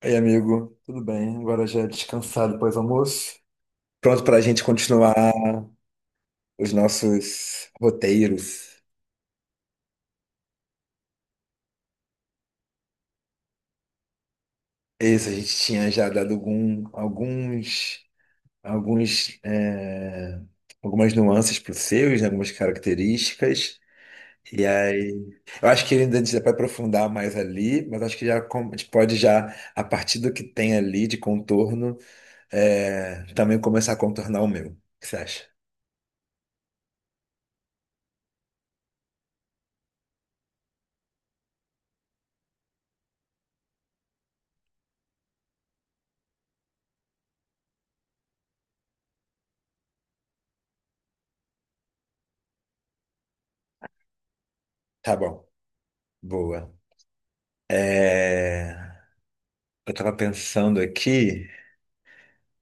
Ei amigo, tudo bem? Agora já descansado depois do almoço. Pronto para a gente continuar os nossos roteiros. Esse a gente tinha já dado alguns, é, algumas nuances para os seus, né, algumas características. E aí, eu acho que ainda a gente vai aprofundar mais ali, mas acho que já a gente pode já, a partir do que tem ali de contorno, também começar a contornar o meu. O que você acha? Tá bom. Boa. É, eu tava pensando aqui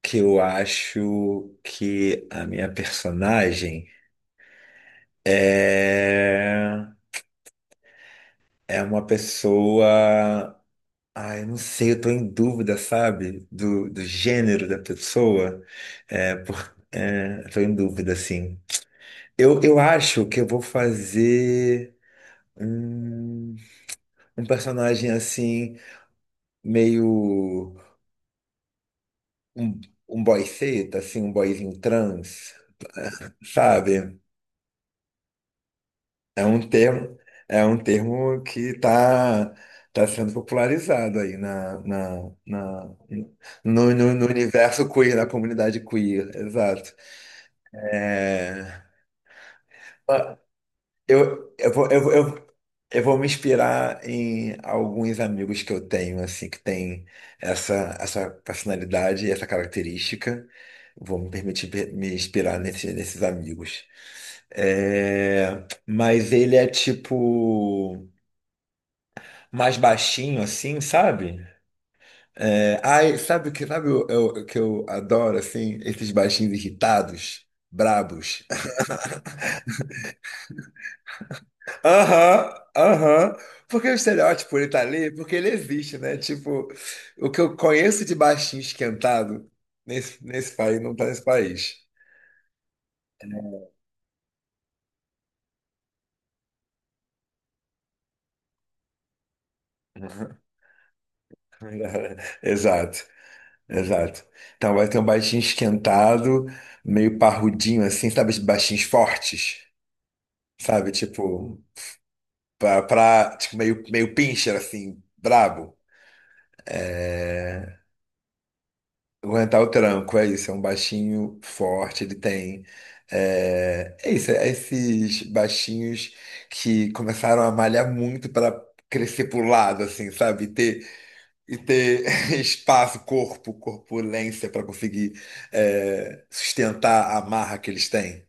que eu acho que a minha personagem é, é uma pessoa. Ai, eu não sei, eu tô em dúvida, sabe? Do gênero da pessoa. É, por... eu tô em dúvida, assim. Eu acho que eu vou fazer hum, um personagem assim, meio um, um boy seta, assim, um boyzinho trans. Sabe, é um termo, é um termo que está tá tá sendo popularizado aí no universo queer, na comunidade queer, exato. Ah, Eu, eu vou, eu, vou- eu, eu vou me inspirar em alguns amigos que eu tenho, assim, que tem essa, essa personalidade e essa característica. Vou me permitir me inspirar nesses amigos. É, mas ele é tipo mais baixinho assim, sabe? É, ai, sabe o que eu adoro assim, esses baixinhos irritados, brabos. Aham, aham. Porque o estereótipo ele tá ali, porque ele existe, né? Tipo, o que eu conheço de baixinho esquentado nesse país não tá nesse país. Uhum. Exato, exato. Então vai ter um baixinho esquentado, meio parrudinho assim, sabe? Esses baixinhos fortes, sabe? Tipo, meio pincher, assim, brabo. Aguentar o tranco, é isso. É um baixinho forte, ele tem. É esses baixinhos que começaram a malhar muito para crescer pro lado, assim, sabe? E ter espaço, corpo, corpulência para conseguir sustentar a marra que eles têm.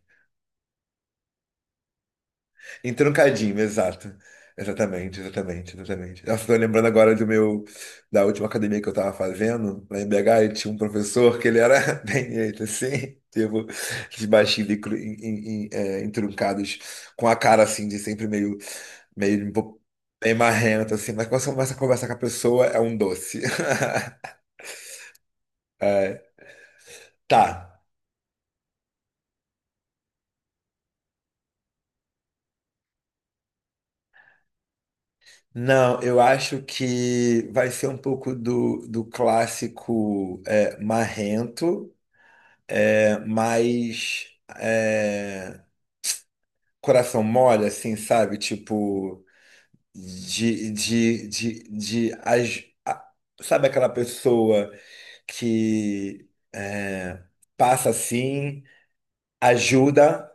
Entroncadinho, exato. Exatamente. Nossa, tô lembrando agora do meu, da última academia que eu tava fazendo, lá em BH, e tinha um professor que ele era bem jeito assim, tipo, de baixinho, e entroncados, com a cara assim, de sempre meio, meio um pouco bem marrento, assim, mas quando você começa a conversar com a pessoa, é um doce. Tá. Não, eu acho que vai ser um pouco do, do clássico marrento, mas é, coração mole, assim, sabe? Tipo, de, de, de, de, as- a- sabe aquela pessoa que é, passa assim, ajuda,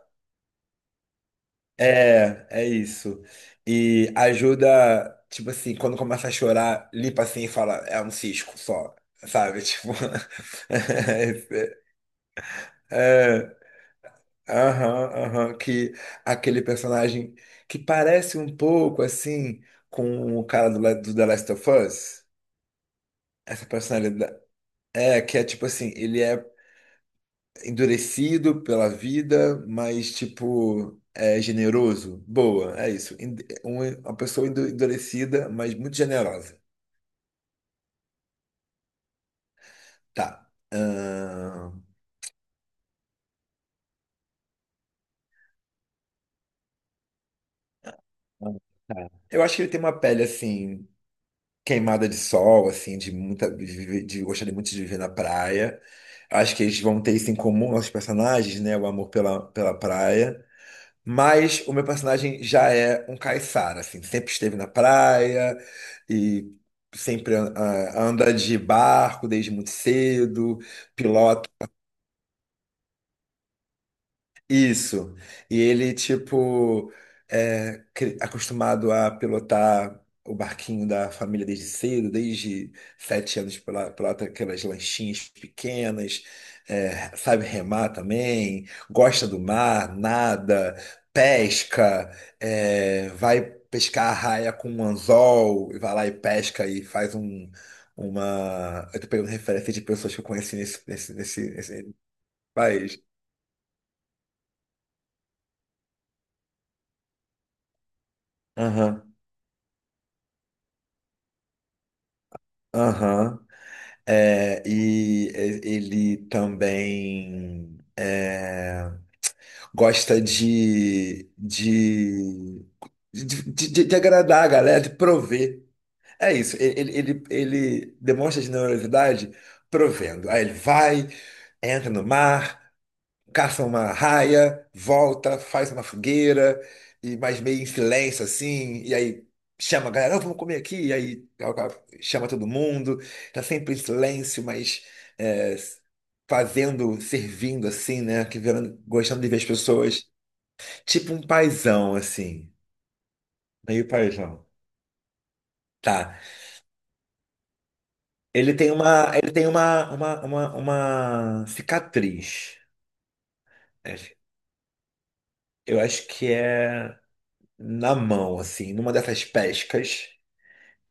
é isso. E ajuda, tipo assim, quando começa a chorar, limpa assim e fala, é um cisco só, sabe? Tipo, é, Aham, aham, que aquele personagem que parece um pouco assim com o cara do, do The Last of Us. Essa personalidade. É, que é tipo assim, ele é endurecido pela vida, mas tipo, é generoso. Boa, é isso. Uma pessoa endurecida, mas muito generosa. Tá. Tá. Eu acho que ele tem uma pele assim queimada de sol, assim, de muita, de gostaria muito de viver na praia. Acho que eles vão ter isso em comum, nossos personagens, né? O amor pela praia. Mas o meu personagem já é um caiçara, assim, sempre esteve na praia e sempre ah, anda de barco desde muito cedo, pilota. Isso. E ele, tipo, é acostumado a pilotar o barquinho da família desde cedo, desde sete anos, pilota aquelas lanchinhas pequenas, é, sabe remar também, gosta do mar, nada, pesca, é, vai pescar a raia com um anzol, e vai lá e pesca e faz uma... Eu tô pegando referência de pessoas que eu conheci nesse país. Aham, aham. É, ele também é, gosta de, de agradar a galera, de prover. É isso, ele demonstra generosidade provendo. Aí ele vai, entra no mar, caça uma raia, volta, faz uma fogueira, e mais meio em silêncio assim, e aí chama a galera, "Ó, vamos comer aqui, e aí ó, ó, chama todo mundo, tá sempre em silêncio, mas é, fazendo, servindo assim, né? Que vendo, gostando de ver as pessoas. Tipo um paizão, assim, meio paizão. Tá. Ele tem uma cicatriz, né? Eu acho que é na mão, assim, numa dessas pescas.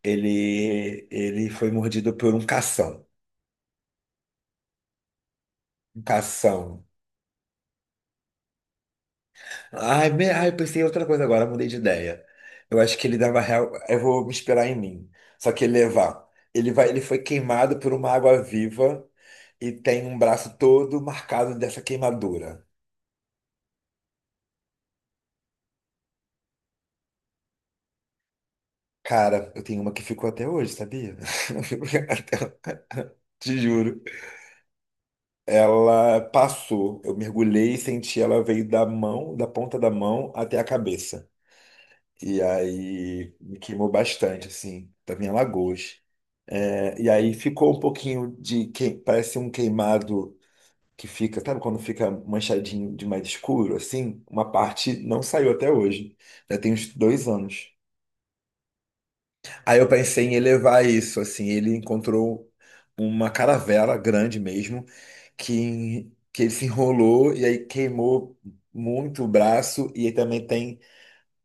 Ele foi mordido por um cação. Um cação. Eu pensei em outra coisa agora, mudei de ideia. Eu acho que ele dava real. Eu vou me inspirar em mim. Só que ele levar. Ele foi queimado por uma água viva e tem um braço todo marcado dessa queimadura. Cara, eu tenho uma que ficou até hoje, sabia? Até- Te juro. Ela passou, eu mergulhei e senti ela veio da mão, da ponta da mão até a cabeça. E aí me queimou bastante, assim, tava em Alagoas. É, e aí ficou um pouquinho de que parece um queimado que fica, sabe quando fica manchadinho de mais escuro, assim? Uma parte não saiu até hoje, já tem uns dois anos. Aí eu pensei em elevar isso, assim, ele encontrou uma caravela grande mesmo, que ele se enrolou e aí queimou muito o braço, e aí também tem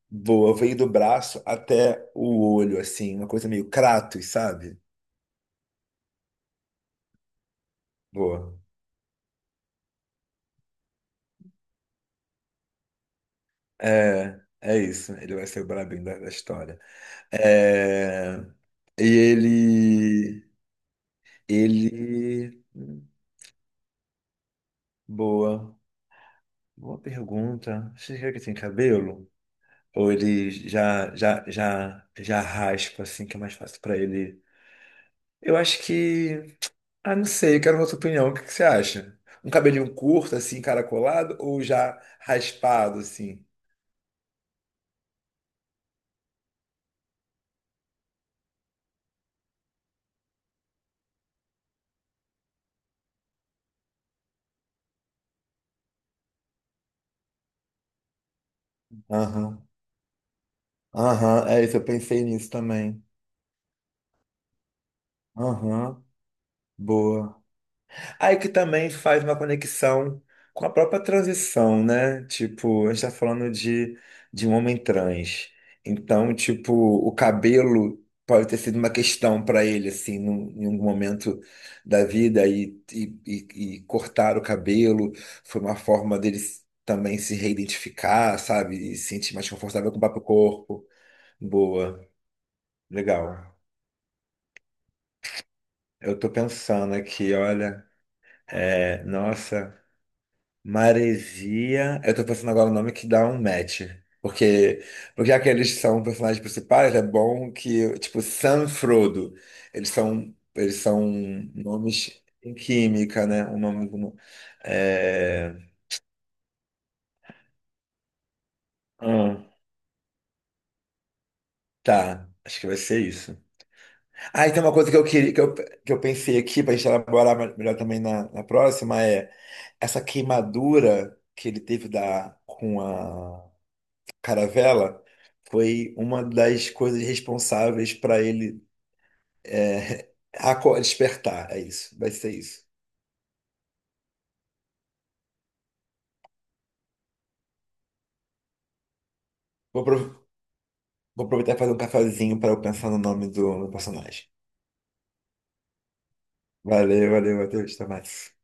Boa, veio do braço até o olho, assim, uma coisa meio Kratos, sabe? Boa. É, é isso. Ele vai ser o brabinho da história. É, e ele. Ele. Boa. Boa pergunta. Você quer que tem cabelo? Ou ele já raspa, assim, que é mais fácil pra ele? Eu acho que. Ah, não sei, eu quero a sua opinião. O que que você acha? Um cabelinho curto, assim, encaracolado, ou já raspado, assim? Aham, aham, é isso, eu pensei nisso também. Aham, boa. Aí que também faz uma conexão com a própria transição, né? Tipo, a gente tá falando de um homem trans. Então, tipo, o cabelo pode ter sido uma questão para ele, assim, num, em algum momento da vida, e cortar o cabelo foi uma forma dele também se reidentificar, sabe? E se sentir mais confortável com o próprio corpo. Boa, legal. Eu tô pensando aqui, olha, nossa, Maresia. Eu tô pensando agora o nome que dá um match. Porque, porque já que eles são personagens principais, é bom que, tipo, Sam e Frodo, eles são nomes em química, né? O nome do. É... hum, tá, acho que vai ser isso. Ah, e tem uma coisa que eu queria, que eu pensei aqui, pra gente elaborar melhor também na próxima, é, essa queimadura que ele teve da, com a caravela foi uma das coisas responsáveis para ele despertar. É isso, vai ser isso. Vou, apro- vou aproveitar e fazer um cafezinho para eu pensar no nome do, do personagem. Valeu, valeu, Matheus. Até mais.